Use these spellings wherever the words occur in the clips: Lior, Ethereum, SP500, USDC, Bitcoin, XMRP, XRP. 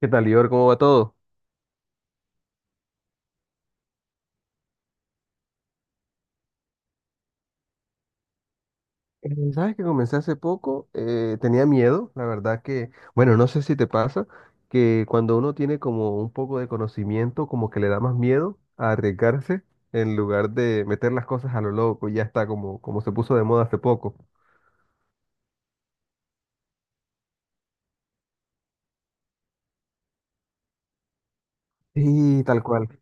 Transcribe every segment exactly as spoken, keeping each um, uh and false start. ¿Qué tal, Lior? ¿Cómo va todo? Eh, Sabes que comencé hace poco, eh, tenía miedo, la verdad que, bueno, no sé si te pasa, que cuando uno tiene como un poco de conocimiento, como que le da más miedo a arriesgarse en lugar de meter las cosas a lo loco, y ya está como, como se puso de moda hace poco. Sí, tal cual.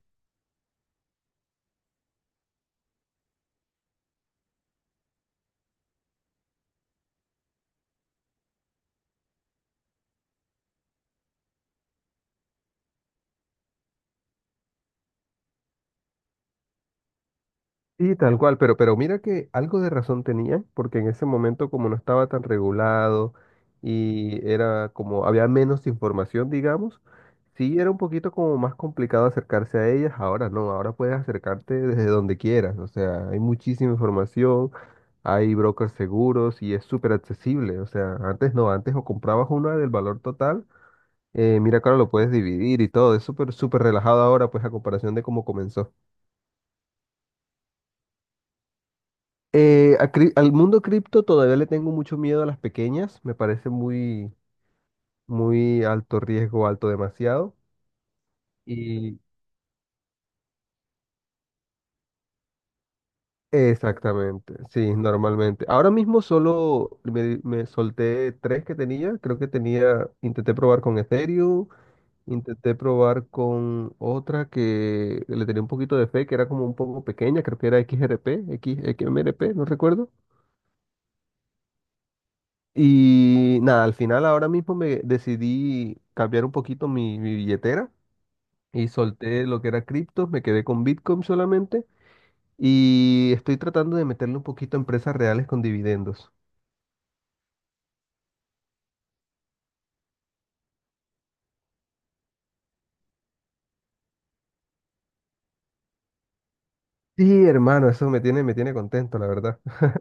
Sí, tal cual, pero, pero mira que algo de razón tenía, porque en ese momento como no estaba tan regulado y era como había menos información, digamos, sí era un poquito como más complicado acercarse a ellas, ahora no, ahora puedes acercarte desde donde quieras, o sea, hay muchísima información, hay brokers seguros y es súper accesible, o sea, antes no, antes o comprabas una del valor total, eh, mira que ahora lo puedes dividir y todo, es súper, súper relajado ahora, pues a comparación de cómo comenzó. Eh, a cri- al mundo cripto todavía le tengo mucho miedo a las pequeñas, me parece muy, muy alto riesgo, alto demasiado. Y exactamente, sí, normalmente. Ahora mismo solo me, me solté tres que tenía, creo que tenía, intenté probar con Ethereum, intenté probar con otra que le tenía un poquito de fe, que era como un poco pequeña, creo que era X R P, X, XMRP, no recuerdo. Y nada, al final ahora mismo me decidí cambiar un poquito mi, mi billetera y solté lo que era criptos, me quedé con Bitcoin solamente y estoy tratando de meterle un poquito a empresas reales con dividendos. Sí, hermano, eso me tiene, me tiene contento, la verdad.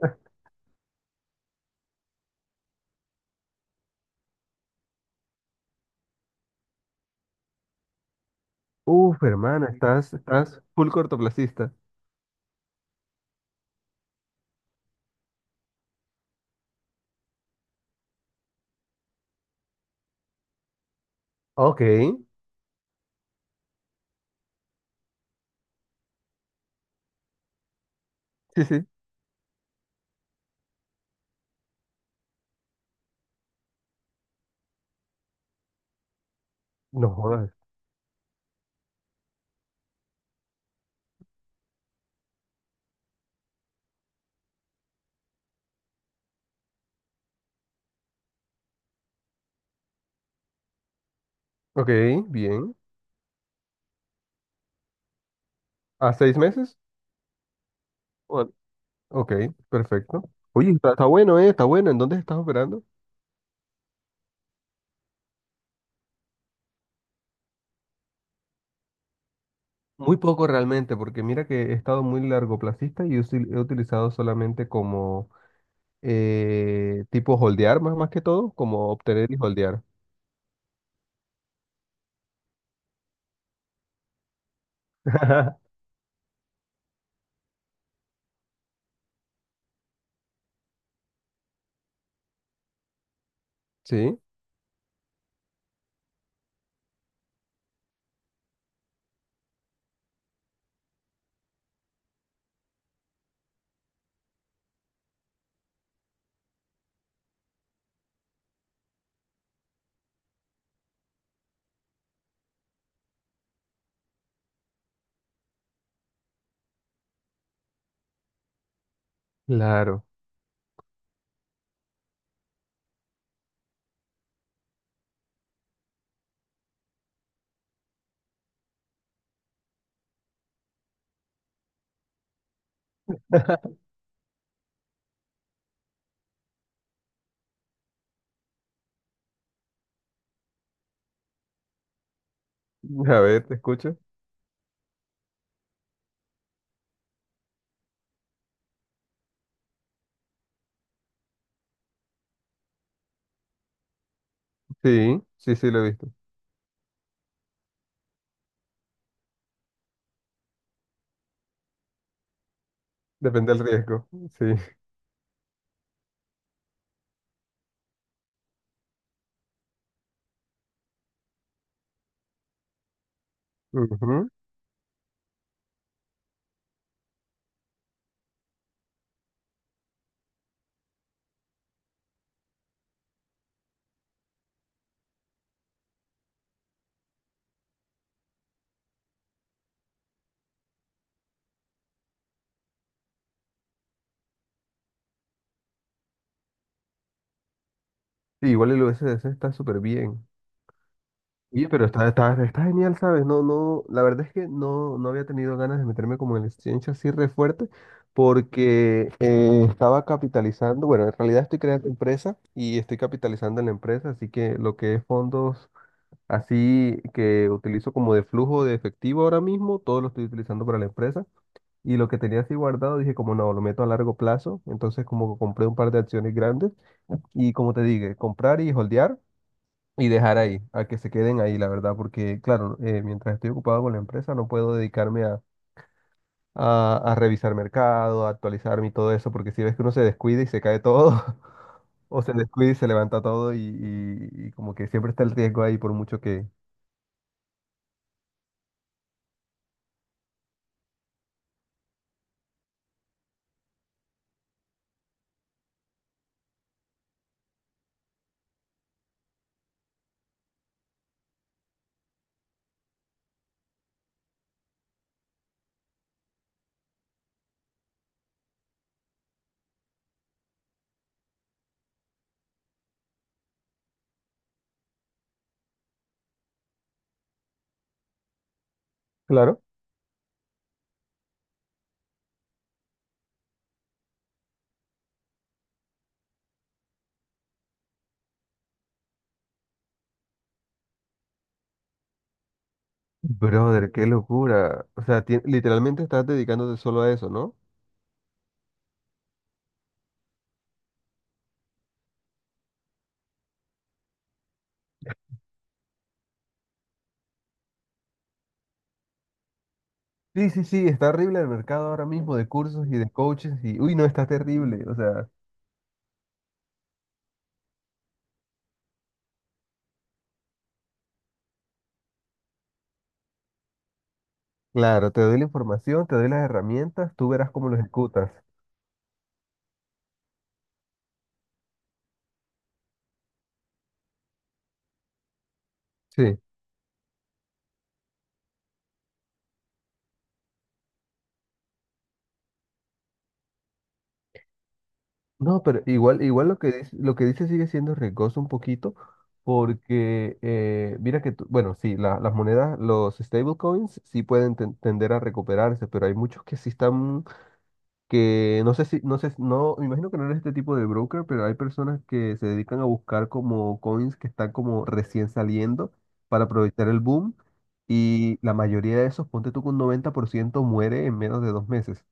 Uf, hermano, estás, estás full cortoplacista. Ok, sí, sí. No jodas. Ok, bien. ¿A seis meses? Bueno, ok, perfecto. Oye, está, está bueno, ¿eh? Está bueno. ¿En dónde estás operando? Muy poco realmente, porque mira que he estado muy largoplacista y usil- he utilizado solamente como eh, tipo holdear más, más que todo, como obtener y holdear. Sí, claro. A ver, te escucho. Sí, sí, sí, lo he visto. Depende del riesgo. Sí. Ujú. Sí, igual el u s d c está súper bien. Oye, pero está, está, está genial, ¿sabes? No, no, la verdad es que no, no había tenido ganas de meterme como en el exchange así re fuerte porque eh, estaba capitalizando, bueno, en realidad estoy creando empresa y estoy capitalizando en la empresa, así que lo que es fondos así que utilizo como de flujo de efectivo ahora mismo, todo lo estoy utilizando para la empresa y lo que tenía así guardado dije como no, lo meto a largo plazo, entonces como que compré un par de acciones grandes y como te dije, comprar y holdear y dejar ahí, a que se queden ahí, la verdad, porque claro, eh, mientras estoy ocupado con la empresa no puedo dedicarme a, a, a revisar mercado, a actualizarme y todo eso, porque si ves que uno se descuida y se cae todo, o se descuida y se levanta todo y, y- y como que siempre está el riesgo ahí por mucho que... Claro. Brother, qué locura. O sea, ti- literalmente estás dedicándote solo a eso, ¿no? Sí, sí, sí, está horrible el mercado ahora mismo de cursos y de coaches y, uy, no, está terrible. O sea, claro, te doy la información, te doy las herramientas, tú verás cómo lo ejecutas. Sí. No, pero igual, igual lo que dice, lo que dice sigue siendo riesgoso un poquito, porque eh, mira que, tú- bueno, sí, la- las monedas, los stablecoins sí pueden ten- tender a recuperarse, pero hay muchos que sí están, que no sé si, no sé, no, me imagino que no eres este tipo de broker, pero hay personas que se dedican a buscar como coins que están como recién saliendo para aprovechar el boom, y la mayoría de esos, ponte tú que un noventa por ciento muere en menos de dos meses.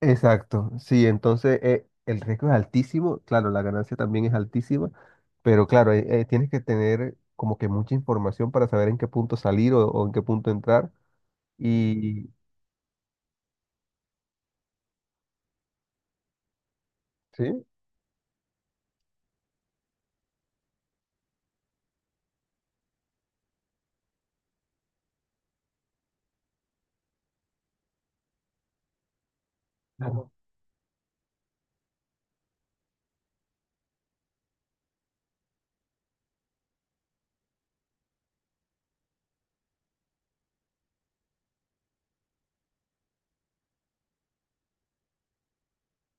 Exacto, sí, entonces eh, el riesgo es altísimo, claro, la ganancia también es altísima, pero claro, eh, eh, tienes que tener como que mucha información para saber en qué punto salir o, o en qué punto entrar. Y sí, claro.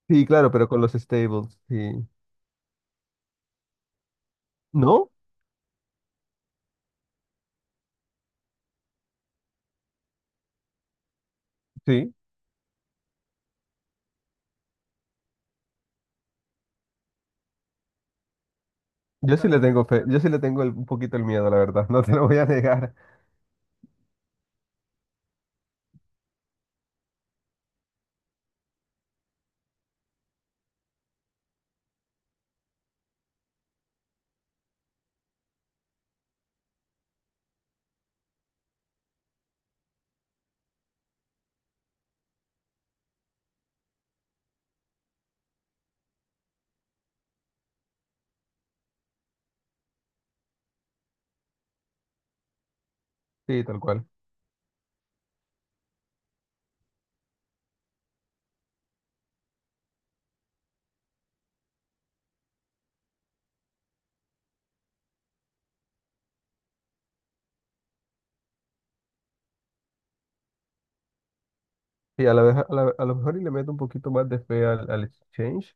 Sí, claro, pero con los stables, sí. ¿No? Sí, yo sí le tengo fe, yo sí le tengo el- un poquito el miedo, la verdad, no te lo voy a negar. Sí, tal cual. Sí, a la vez, a la- a lo mejor y le meto un poquito más de fe al, al exchange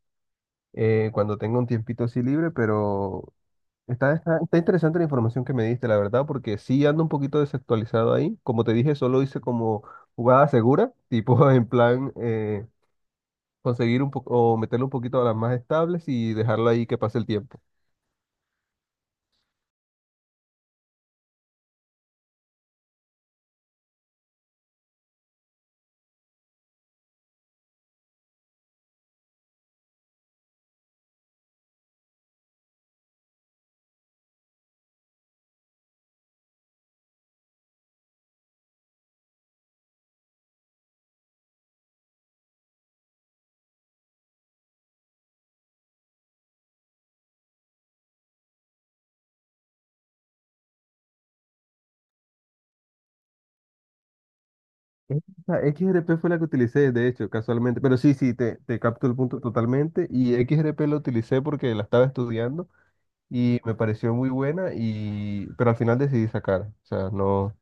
eh, cuando tenga un tiempito así libre, pero está, está, está interesante la información que me diste, la verdad, porque sí ando un poquito desactualizado ahí. Como te dije, solo hice como jugada segura, tipo en plan eh, conseguir un poco o meterle un poquito a las más estables y dejarla ahí que pase el tiempo. Esta X R P fue la que utilicé, de hecho, casualmente, pero sí, sí, te, te capto el punto totalmente. Y X R P la utilicé porque la estaba estudiando y me pareció muy buena, y, pero al final decidí sacar. O sea, no.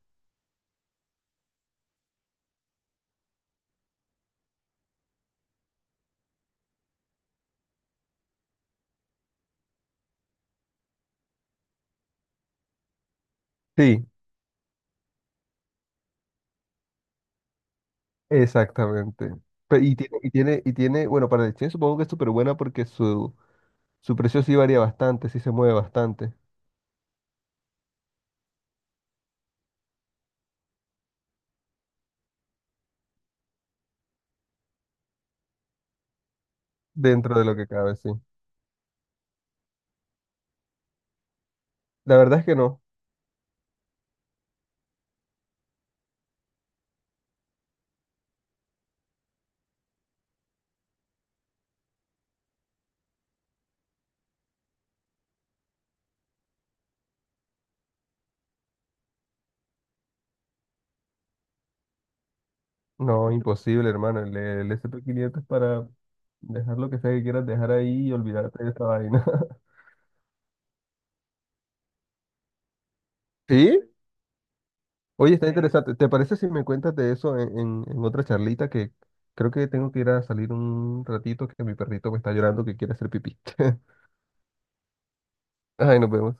Sí, exactamente. Pe- Y tiene, y tiene, y tiene, bueno, para la Exchange supongo que es súper buena porque su, su precio sí varía bastante, sí se mueve bastante dentro de lo que cabe, sí. La verdad es que no, no, imposible, hermano. El, el S P quinientos es para dejar lo que sea que quieras dejar ahí y olvidarte de esta vaina. ¿Sí? Oye, está interesante. ¿Te parece si me cuentas de eso en, en- en otra charlita que creo que tengo que ir a salir un ratito que mi perrito me está llorando que quiere hacer pipí? Ay, nos vemos.